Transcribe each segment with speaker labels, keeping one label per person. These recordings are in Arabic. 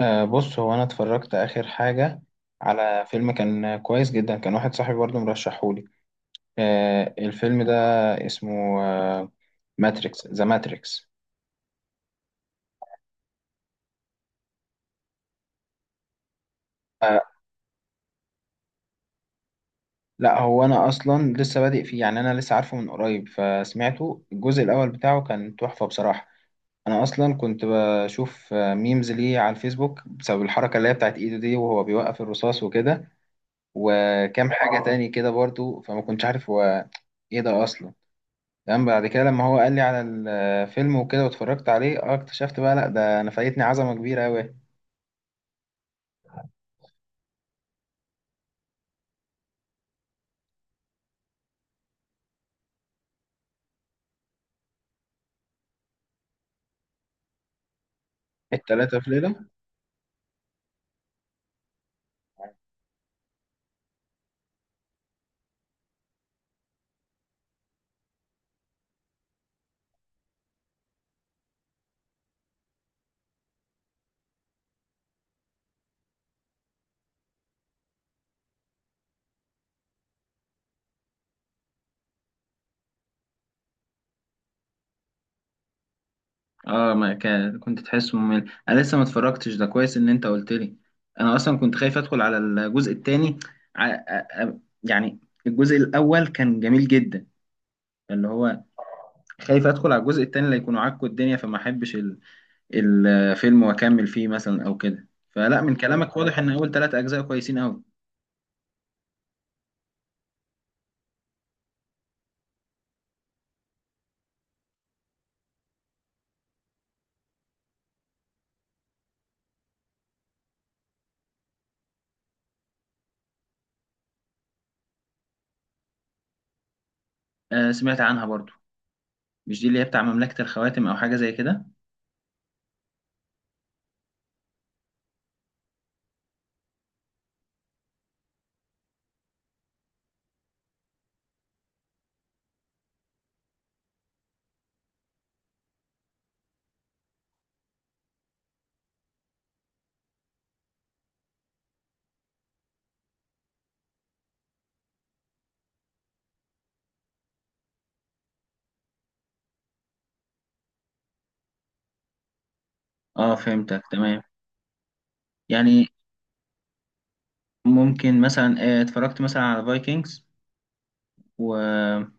Speaker 1: بص هو انا اتفرجت اخر حاجه على فيلم كان كويس جدا. كان واحد صاحبي برضه مرشحهولي. الفيلم ده اسمه ماتريكس، ماتريكس. أه لا، هو انا اصلا لسه بادئ فيه، يعني انا لسه عارفه من قريب، فسمعته الجزء الاول بتاعه كان تحفه بصراحه. انا اصلا كنت بشوف ميمز ليه على الفيسبوك بسبب الحركه اللي هي بتاعت ايده دي، وهو بيوقف الرصاص وكده، وكام حاجه تاني كده برضه، فما كنتش عارف هو ايه ده اصلا. تمام، بعد كده لما هو قال لي على الفيلم وكده واتفرجت عليه، اه اكتشفت بقى لا، ده انا فايتني عظمه كبيره قوي. التلاته في ليله؟ اه، ما كان كنت تحسه ممل، انا لسه ما اتفرجتش، ده كويس ان انت قلت لي. انا اصلا كنت خايف ادخل على الجزء الثاني، يعني الجزء الاول كان جميل جدا، اللي هو خايف ادخل على الجزء الثاني اللي يكونوا عكوا الدنيا، فما احبش الفيلم واكمل فيه مثلا او كده. فلا، من كلامك واضح ان اول 3 اجزاء كويسين قوي. آه، سمعت عنها برضو. مش دي اللي هي بتاع مملكة الخواتم أو حاجة زي كده؟ اه فهمتك، تمام. يعني ممكن مثلا اتفرجت مثلا على فايكنجز. و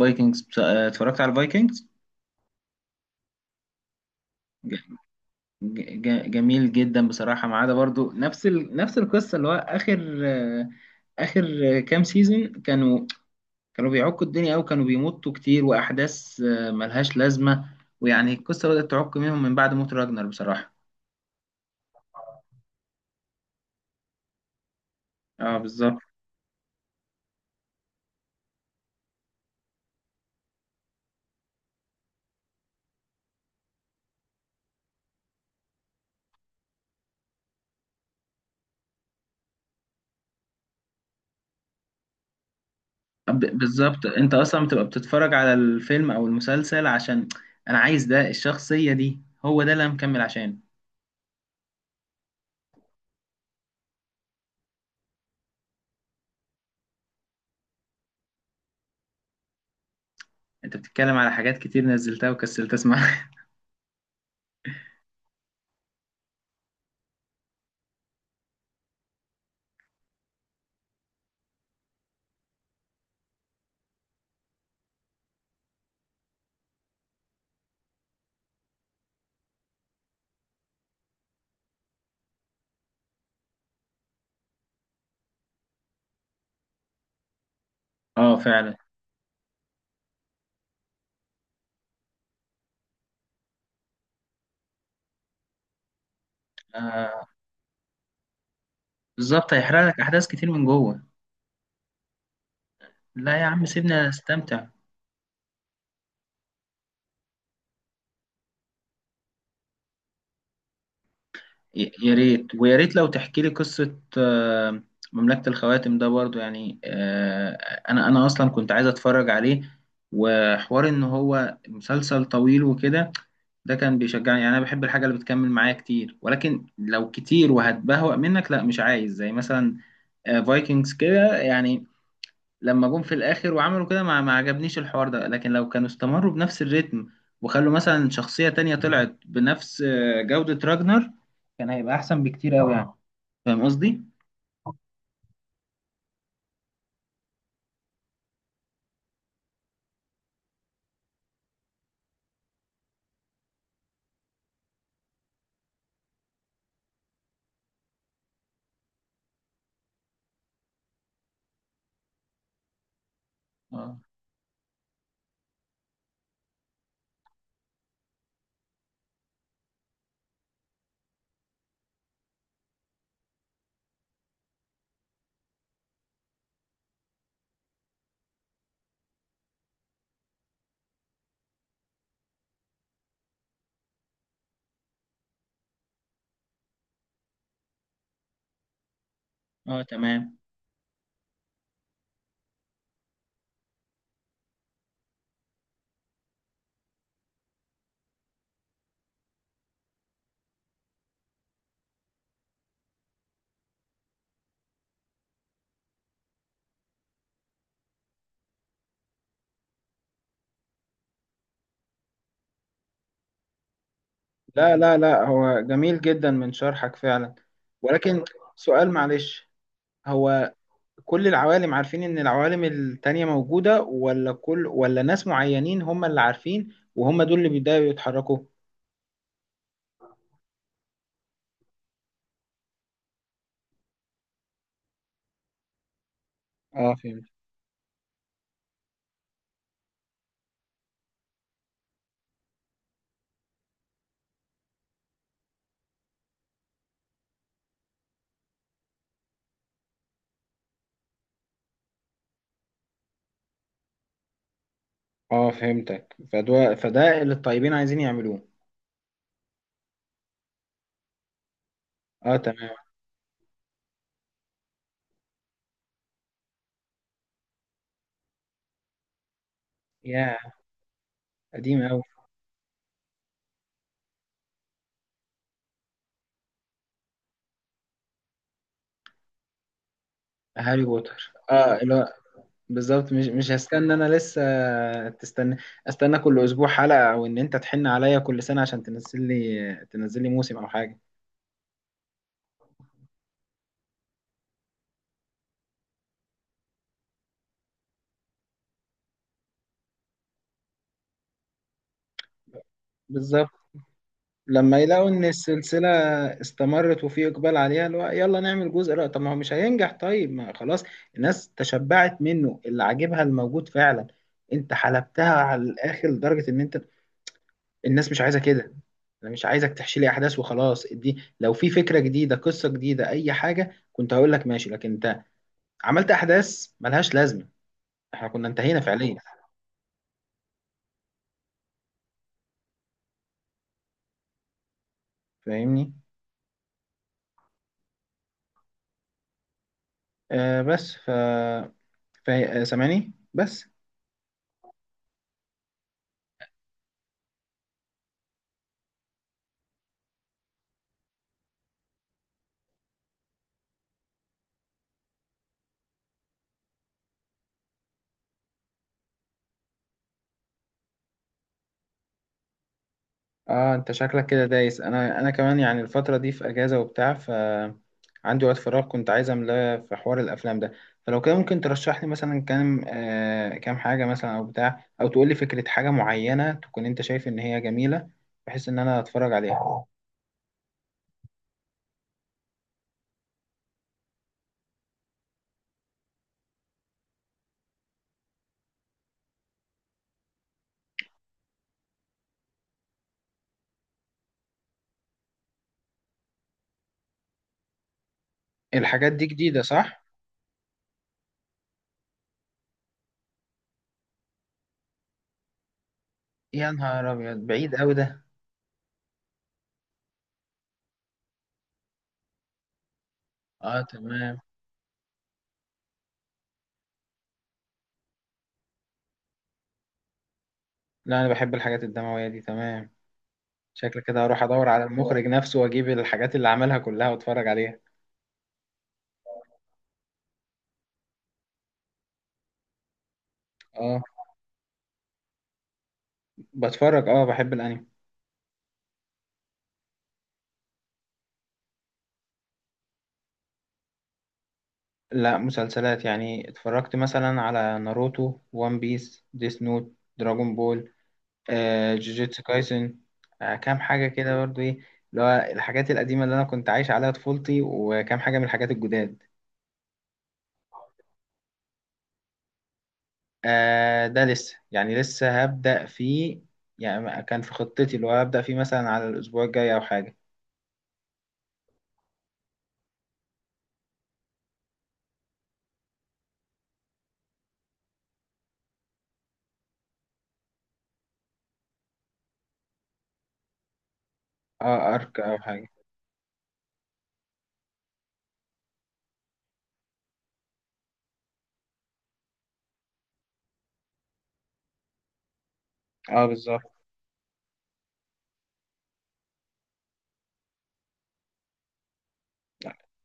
Speaker 1: فايكنجز اتفرجت على فايكنجز، جميل جدا بصراحة، ما عدا برضو نفس نفس القصة، اللي هو آخر آخر، كام سيزون كانوا بيعكوا الدنيا أوي، كانوا بيمطوا كتير وأحداث ملهاش لازمة. ويعني القصة بدأت تعك منهم من بعد موت راجنر بصراحة. اه بالظبط. بالظبط، انت اصلا بتبقى بتتفرج على الفيلم او المسلسل عشان انا عايز ده، الشخصية دي هو ده اللي انا مكمل عشان. انت بتتكلم على حاجات كتير نزلتها وكسلت اسمعها. اه فعلا. آه بالظبط، هيحرق لك احداث كتير من جوه. لا يا عم سيبنا استمتع. يا ريت، ويا ريت لو تحكي لي قصة مملكة الخواتم ده برضو، يعني أنا أصلا كنت عايز أتفرج عليه، وحوار إن هو مسلسل طويل وكده، ده كان بيشجعني. يعني أنا بحب الحاجة اللي بتكمل معايا كتير، ولكن لو كتير وهتبهوأ منك لا، مش عايز زي مثلا فايكنجز كده يعني، لما جم في الاخر وعملوا كده ما عجبنيش الحوار ده. لكن لو كانوا استمروا بنفس الريتم، وخلوا مثلا شخصية تانية طلعت بنفس جودة راجنر، كان هيبقى احسن بكتير قوي، يعني اه. فاهم قصدي؟ اه. اه تمام. لا لا لا، هو جميل جدا من شرحك فعلا. ولكن سؤال معلش، هو كل العوالم عارفين ان العوالم التانية موجودة، ولا ناس معينين هم اللي عارفين وهم دول اللي بيبدأوا يتحركوا؟ اه فهمت. اه فهمتك، فده اللي الطيبين عايزين يعملوه. اه تمام. يا قديم أوي! هاري بوتر، اه لا بالظبط. مش هستنى، انا لسه تستنى استنى كل اسبوع حلقة، او ان انت تحن عليا كل سنة عشان تنزل لي موسم او حاجة. بالظبط، لما يلاقوا ان السلسلة استمرت وفي اقبال عليها، اللي هو يلا نعمل جزء. لا، طب ما هو مش هينجح، طيب ما خلاص الناس تشبعت منه، اللي عاجبها الموجود فعلا. انت حلبتها على الاخر لدرجة ان انت، الناس مش عايزه كده. انا مش عايزك تحشي لي احداث وخلاص. دي لو في فكره جديده، قصه جديده، اي حاجه كنت هقول لك ماشي، لكن انت عملت احداث ملهاش لازمه، احنا كنا انتهينا فعليا. فاهمني؟ بس سامعني بس. اه، انت شكلك كده دايس، انا كمان يعني الفتره دي في اجازه وبتاع، عندي وقت فراغ كنت عايز املاه في حوار الافلام ده. فلو كده ممكن ترشح لي مثلا كام، كام حاجه مثلا او بتاع، او تقول لي فكره حاجه معينه تكون انت شايف ان هي جميله، بحيث ان انا اتفرج عليها. الحاجات دي جديده، صح؟ يا نهار ابيض، بعيد قوي ده! اه تمام. لا انا بحب الحاجات الدمويه دي، تمام. شكلك كده هروح ادور على المخرج نفسه واجيب الحاجات اللي عملها كلها واتفرج عليها. اه بتفرج، اه بحب الانمي. لا مسلسلات، يعني اتفرجت مثلا على ناروتو، وان بيس، ديس نوت، دراجون بول، جوجيتسو كايسن، كام حاجة كده برضو ايه، اللي هو الحاجات القديمة اللي أنا كنت عايش عليها طفولتي، وكام حاجة من الحاجات الجداد. ده لسه، يعني لسه هبدأ فيه، يعني كان في خطتي اللي هو هبدأ فيه مثلا على الأسبوع الجاي أو حاجة. اه، أرك أو حاجة. اه بالظبط.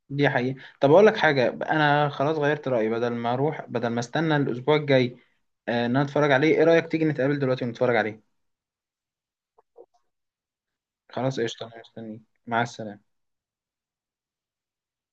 Speaker 1: دي حقيقة. طب أقول لك حاجة، أنا خلاص غيرت رأيي، بدل ما أستنى الأسبوع الجاي إن أنا أتفرج عليه، إيه رأيك تيجي نتقابل دلوقتي ونتفرج عليه؟ خلاص قشطة، أنا مستنيك، مع السلامة.